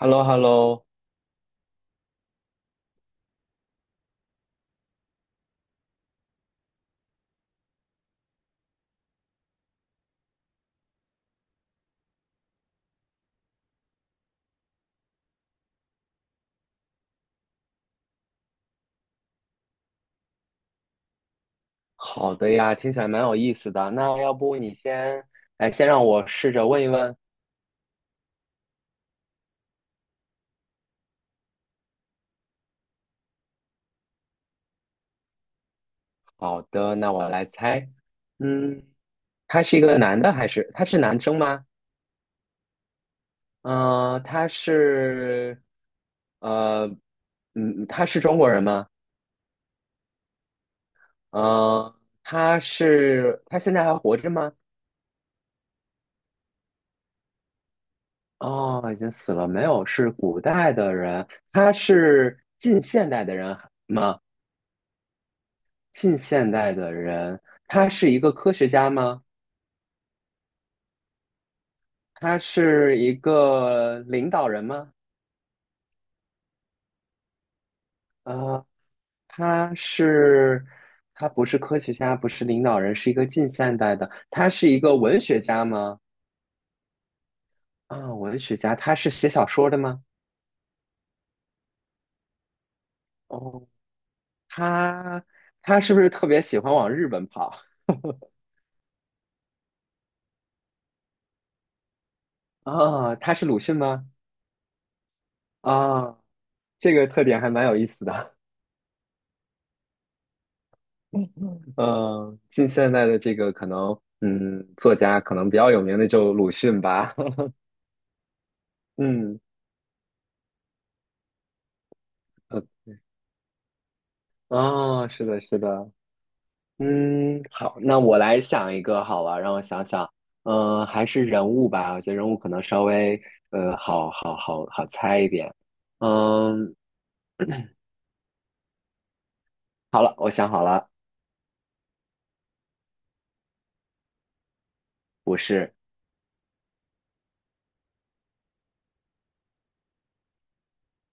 hello hello 好的呀，听起来蛮有意思的。那要不你先，来，先让我试着问一问。好的，那我来猜。嗯，他是一个男的还是他是男生吗？嗯、他是，呃，他是中国人吗？嗯、他现在还活着吗？哦，已经死了，没有，是古代的人。他是近现代的人吗？近现代的人，他是一个科学家吗？他是一个领导人吗？呃，他是，他不是科学家，不是领导人，是一个近现代的。他是一个文学家吗？啊，文学家，他是写小说的吗？哦，他他是不是特别喜欢往日本跑？啊，他是鲁迅吗？啊，这个特点还蛮有意思的。嗯，近现代的这个可能，作家可能比较有名的就鲁迅吧。嗯，呃啊，是的，是的。好，那我来想一个好了，让我想想。还是人物吧，我觉得人物可能稍微好猜一点。嗯，好了，我想好了，不是，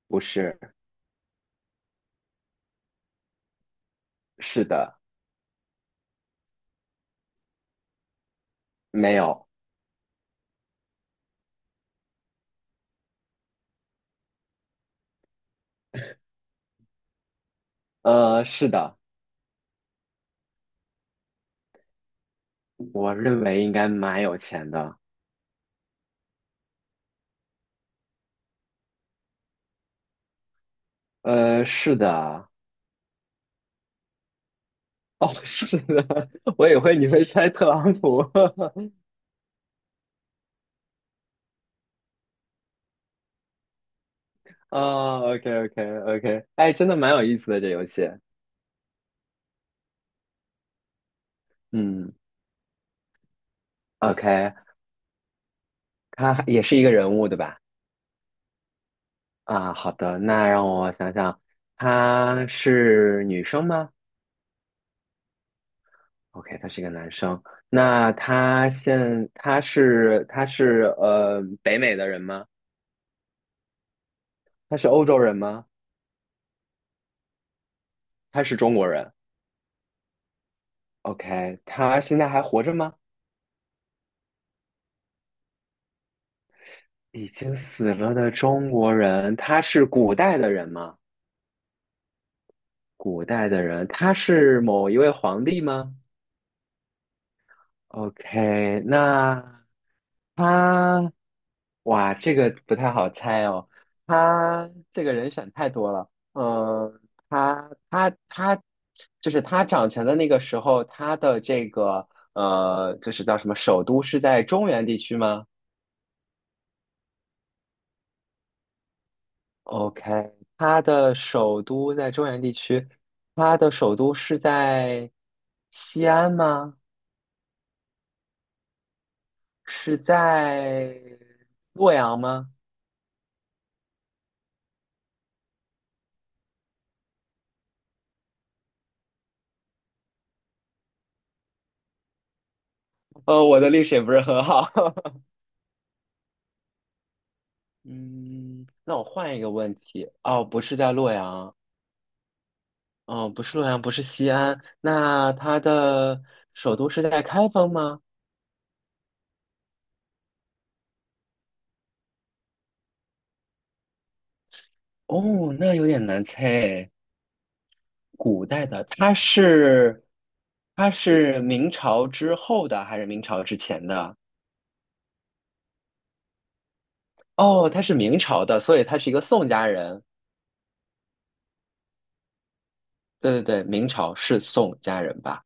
不是，是的，没有，是的，我认为应该蛮有钱的。是的，哦，是的，我以为你会猜特朗普。哦 OK OK OK 哎，真的蛮有意思的这游戏。嗯，OK，他也是一个人物对吧？啊，好的，那让我想想，他是女生吗？OK，他是一个男生。那他是北美的人吗？他是欧洲人吗？他是中国人？OK，他现在还活着吗？已经死了的中国人，他是古代的人吗？古代的人，他是某一位皇帝吗？OK，那他，哇，这个不太好猜哦。他这个人选太多了。嗯，他他他，就是他掌权的那个时候，他的这个就是叫什么，首都是在中原地区吗？OK，它的首都在中原地区，它的首都是在西安吗？是在洛阳吗？我的历史也不是很好。嗯，那我换一个问题。哦，不是在洛阳，嗯，不是洛阳，不是西安，那它的首都是在开封吗？哦，那有点难猜。古代的，它是明朝之后的还是明朝之前的？哦，他是明朝的，所以他是一个宋家人。对对对，明朝是宋家人吧？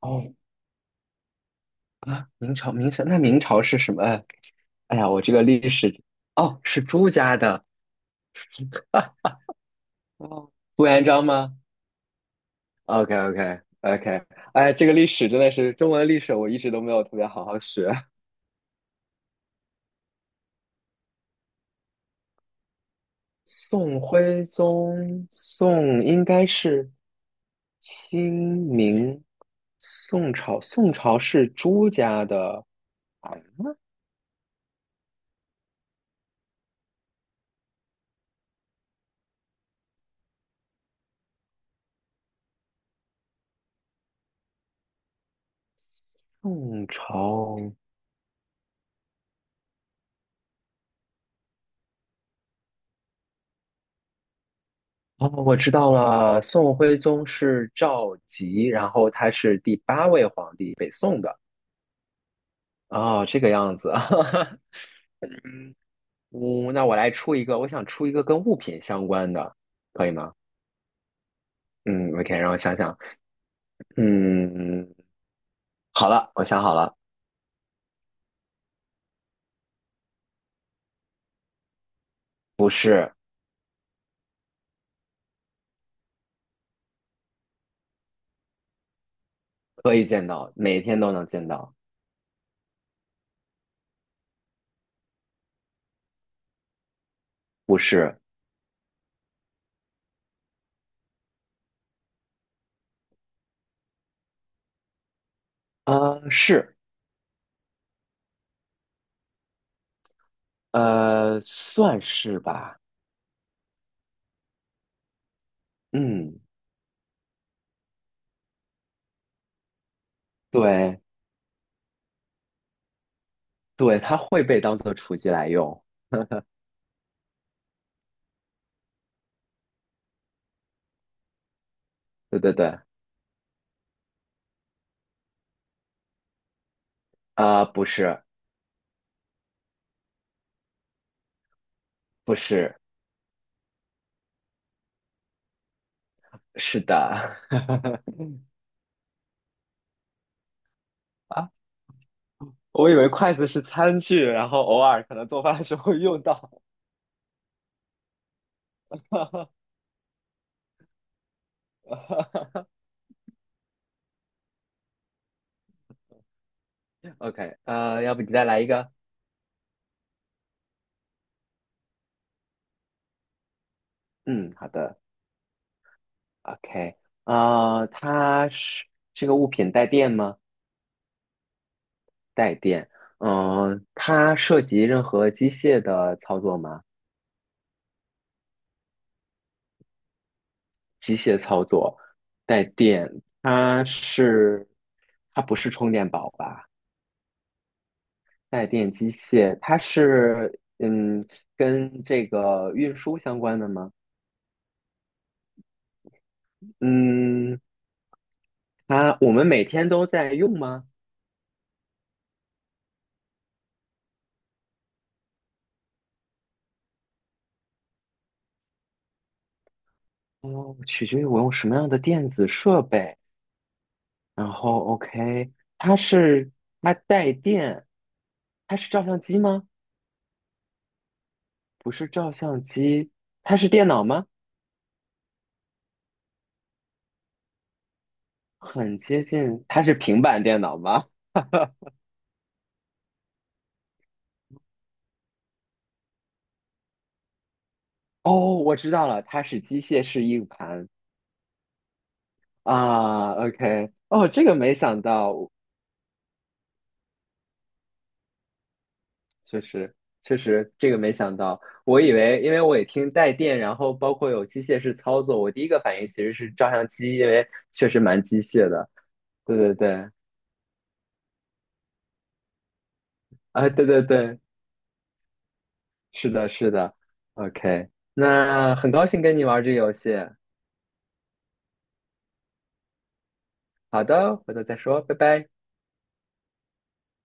哦啊，明朝，那明朝是什么？哎呀，我这个历史哦，是朱家的哦，朱元璋吗？OK OK OK，哎，这个历史真的是中文历史，我一直都没有特别好好学。宋徽宗，宋应该是清明，宋朝是朱家的。宋朝哦，我知道了，宋徽宗是赵佶，然后他是第八位皇帝，北宋的。哦，这个样子。嗯，那我来出一个，我想出一个跟物品相关的，可以吗？嗯，OK，让我想想。嗯，好了，我想好了，是可以见到，每天都能见到，不是？啊、是，算是吧。嗯，对对，它会被当做厨具来用。对对对。啊、不是，不是，是的，啊，我以为筷子是餐具，然后偶尔可能做饭的时候会用到。OK，要不你再来一个？嗯，好的。OK，呃，它是这个物品带电吗？带电。它涉及任何机械的操作吗？机械操作，带电。它是，它不是充电宝吧？带电机械，它是跟这个运输相关的吗？嗯，我们每天都在用吗？哦，取决于我用什么样的电子设备。然后，OK，它是它带电，它是照相机吗？不是照相机，它是电脑吗？很接近，它是平板电脑吗？哦，我知道了，它是机械式硬盘啊。OK，哦，这个没想到，确实，确实，这个没想到。我以为，因为我也听带电，然后包括有机械式操作，我第一个反应其实是照相机，因为确实蛮机械的。对对对，啊，对对对，是的，是的。OK，那很高兴跟你玩这个游戏。好的，回头再说，拜拜。